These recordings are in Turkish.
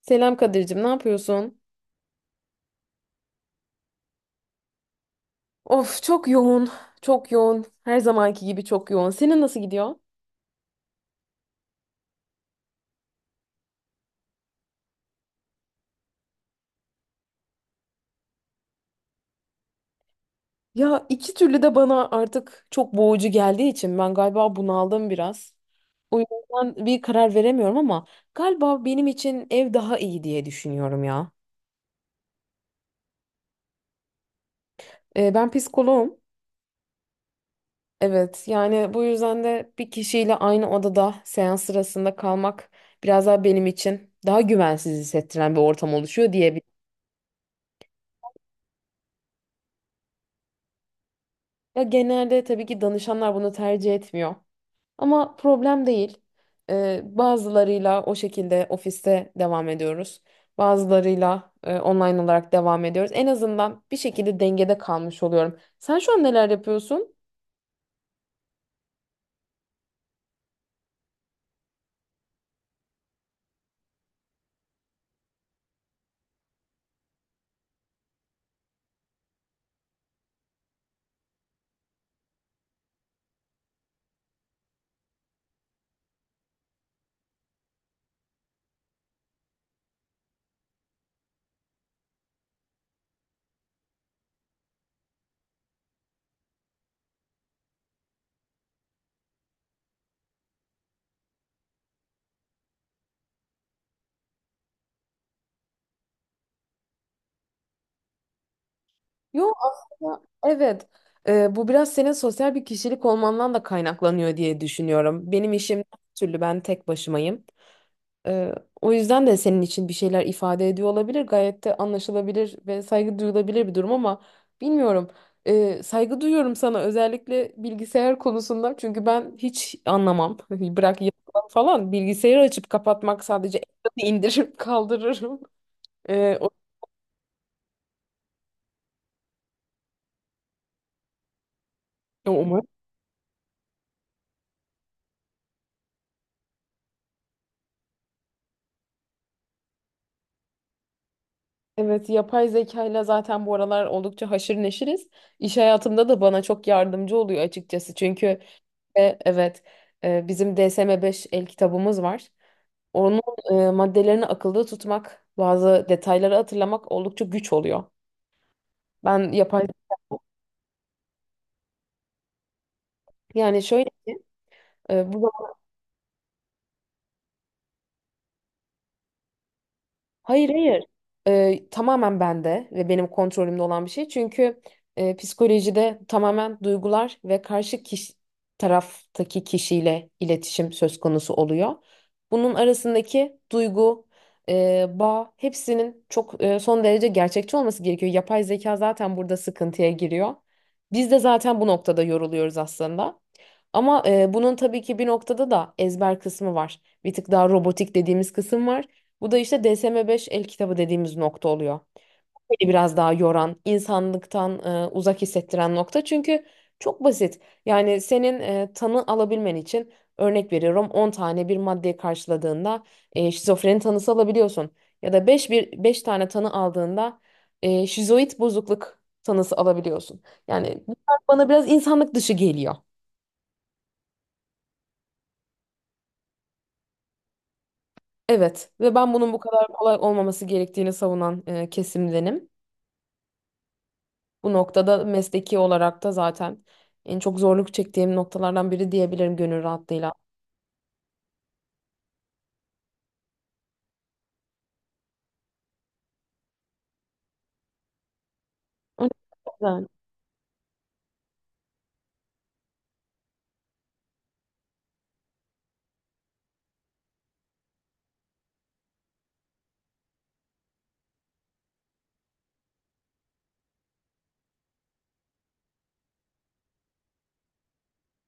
Selam Kadir'cim, ne yapıyorsun? Of çok yoğun, çok yoğun. Her zamanki gibi çok yoğun. Senin nasıl gidiyor? Ya iki türlü de bana artık çok boğucu geldiği için ben galiba bunaldım biraz. O yüzden bir karar veremiyorum ama galiba benim için ev daha iyi diye düşünüyorum ya. Ben psikoloğum. Evet, yani bu yüzden de bir kişiyle aynı odada seans sırasında kalmak biraz daha benim için daha güvensiz hissettiren bir ortam oluşuyor diyebilirim. Ya genelde tabii ki danışanlar bunu tercih etmiyor. Ama problem değil. Bazılarıyla o şekilde ofiste devam ediyoruz. Bazılarıyla online olarak devam ediyoruz. En azından bir şekilde dengede kalmış oluyorum. Sen şu an neler yapıyorsun? Yok aslında, evet. Bu biraz senin sosyal bir kişilik olmandan da kaynaklanıyor diye düşünüyorum. Benim işim her türlü ben tek başımayım. Ee, O yüzden de senin için bir şeyler ifade ediyor olabilir. Gayet de anlaşılabilir ve saygı duyulabilir bir durum ama bilmiyorum. Saygı duyuyorum sana, özellikle bilgisayar konusunda. Çünkü ben hiç anlamam. Bırak yazılım falan, bilgisayarı açıp kapatmak, sadece ekranı indiririm kaldırırım. Ee, o- Umarım. Evet, yapay zeka ile zaten bu aralar oldukça haşır neşiriz. İş hayatımda da bana çok yardımcı oluyor açıkçası. Çünkü evet, bizim DSM-5 el kitabımız var. Onun maddelerini akılda tutmak, bazı detayları hatırlamak oldukça güç oluyor. Ben yapay Yani şöyle ki, bu. Hayır, hayır. Tamamen bende ve benim kontrolümde olan bir şey. Çünkü psikolojide tamamen duygular ve karşı kişi, taraftaki kişiyle iletişim söz konusu oluyor. Bunun arasındaki duygu, bağ, hepsinin çok son derece gerçekçi olması gerekiyor. Yapay zeka zaten burada sıkıntıya giriyor. Biz de zaten bu noktada yoruluyoruz aslında. Ama bunun tabii ki bir noktada da ezber kısmı var. Bir tık daha robotik dediğimiz kısım var. Bu da işte DSM-5 el kitabı dediğimiz nokta oluyor. Beni biraz daha yoran, insanlıktan uzak hissettiren nokta. Çünkü çok basit. Yani senin tanı alabilmen için, örnek veriyorum, 10 tane bir maddeyi karşıladığında şizofreni tanısı alabiliyorsun. Ya da beş, bir 5 tane tanı aldığında şizoid bozukluk tanısı alabiliyorsun. Yani bunlar bana biraz insanlık dışı geliyor. Evet, ve ben bunun bu kadar kolay olmaması gerektiğini savunan kesimdenim. Bu noktada mesleki olarak da zaten en çok zorluk çektiğim noktalardan biri diyebilirim gönül rahatlığıyla. O yüzden,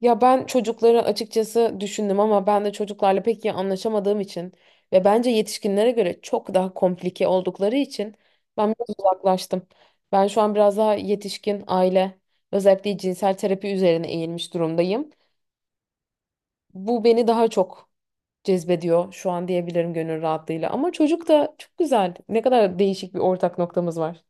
ya ben çocukları açıkçası düşündüm ama ben de çocuklarla pek iyi anlaşamadığım için ve bence yetişkinlere göre çok daha komplike oldukları için ben biraz uzaklaştım. Ben şu an biraz daha yetişkin, aile, özellikle cinsel terapi üzerine eğilmiş durumdayım. Bu beni daha çok cezbediyor şu an diyebilirim gönül rahatlığıyla. Ama çocuk da çok güzel. Ne kadar değişik bir ortak noktamız var.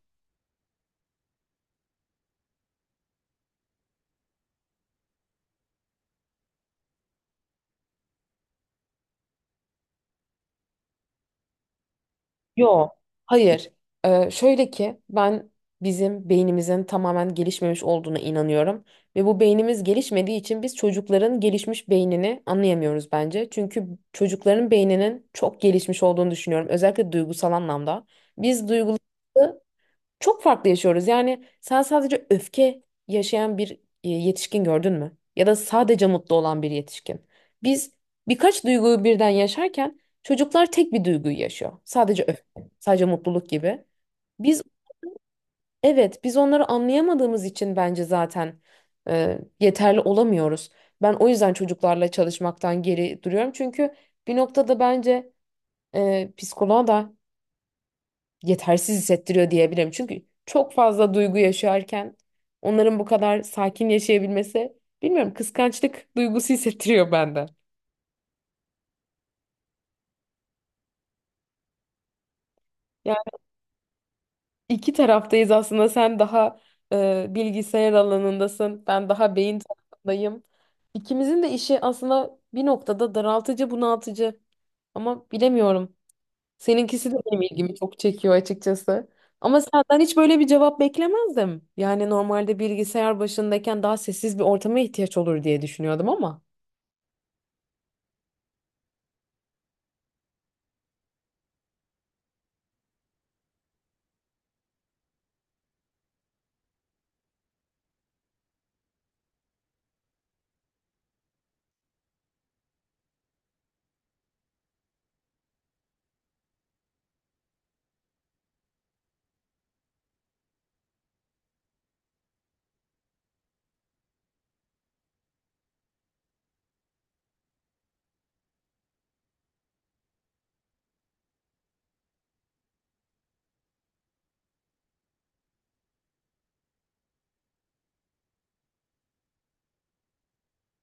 Yo. Hayır. Şöyle ki, ben bizim beynimizin tamamen gelişmemiş olduğuna inanıyorum. Ve bu beynimiz gelişmediği için biz çocukların gelişmiş beynini anlayamıyoruz bence. Çünkü çocukların beyninin çok gelişmiş olduğunu düşünüyorum. Özellikle duygusal anlamda. Biz duyguları çok farklı yaşıyoruz. Yani sen sadece öfke yaşayan bir yetişkin gördün mü? Ya da sadece mutlu olan bir yetişkin. Biz birkaç duyguyu birden yaşarken çocuklar tek bir duyguyu yaşıyor. Sadece öfke, sadece mutluluk gibi. Biz, evet, biz onları anlayamadığımız için bence zaten yeterli olamıyoruz. Ben o yüzden çocuklarla çalışmaktan geri duruyorum. Çünkü bir noktada bence psikoloğa da yetersiz hissettiriyor diyebilirim. Çünkü çok fazla duygu yaşarken onların bu kadar sakin yaşayabilmesi, bilmiyorum, kıskançlık duygusu hissettiriyor bende. Yani iki taraftayız aslında, sen daha bilgisayar alanındasın, ben daha beyin tarafındayım. İkimizin de işi aslında bir noktada daraltıcı, bunaltıcı, ama bilemiyorum. Seninkisi de benim ilgimi çok çekiyor açıkçası. Ama senden hiç böyle bir cevap beklemezdim. Yani normalde bilgisayar başındayken daha sessiz bir ortama ihtiyaç olur diye düşünüyordum ama.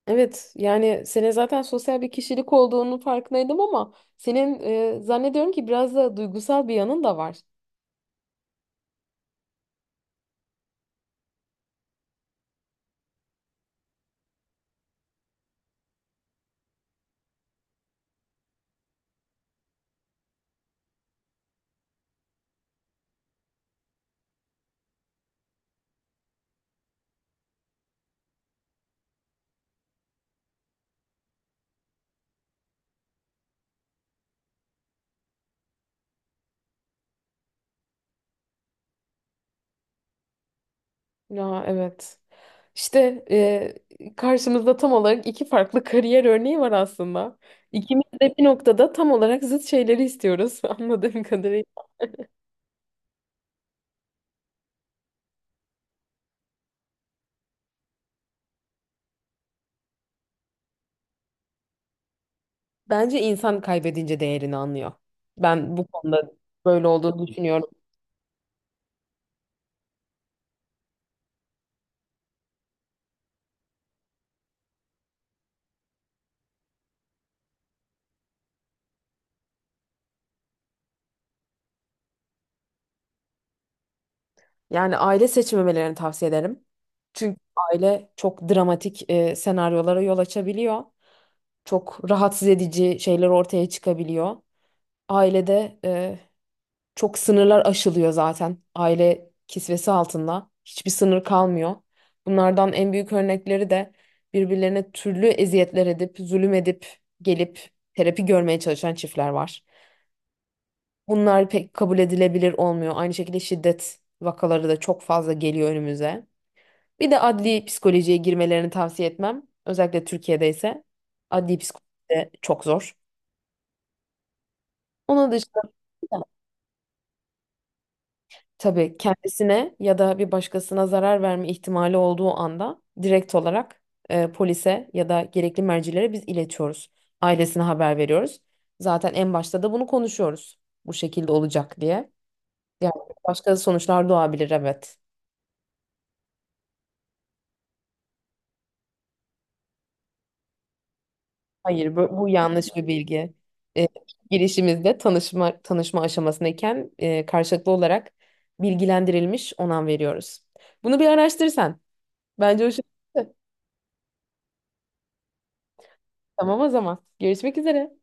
Evet, yani senin zaten sosyal bir kişilik olduğunu farkındaydım ama senin, zannediyorum ki, biraz da duygusal bir yanın da var. Ya evet. İşte, karşımızda tam olarak iki farklı kariyer örneği var aslında. İkimiz de bir noktada tam olarak zıt şeyleri istiyoruz anladığım kadarıyla. Bence insan kaybedince değerini anlıyor. Ben bu konuda böyle olduğunu düşünüyorum. Yani aile seçmemelerini tavsiye ederim. Çünkü aile çok dramatik senaryolara yol açabiliyor. Çok rahatsız edici şeyler ortaya çıkabiliyor. Ailede, çok sınırlar aşılıyor zaten. Aile kisvesi altında hiçbir sınır kalmıyor. Bunlardan en büyük örnekleri de birbirlerine türlü eziyetler edip, zulüm edip gelip terapi görmeye çalışan çiftler var. Bunlar pek kabul edilebilir olmuyor. Aynı şekilde şiddet vakaları da çok fazla geliyor önümüze. Bir de adli psikolojiye girmelerini tavsiye etmem. Özellikle Türkiye'de ise adli psikoloji de çok zor. Onun dışında da tabii, kendisine ya da bir başkasına zarar verme ihtimali olduğu anda direkt olarak polise ya da gerekli mercilere biz iletiyoruz. Ailesine haber veriyoruz. Zaten en başta da bunu konuşuyoruz. Bu şekilde olacak diye. Yani başka sonuçlar doğabilir, evet. Hayır, bu yanlış bir bilgi. E, Girişimizde tanışma aşamasındayken, karşılıklı olarak bilgilendirilmiş onam veriyoruz. Bunu bir araştırsan. Bence hoşuna gitti. Tamam, o zaman. Görüşmek üzere.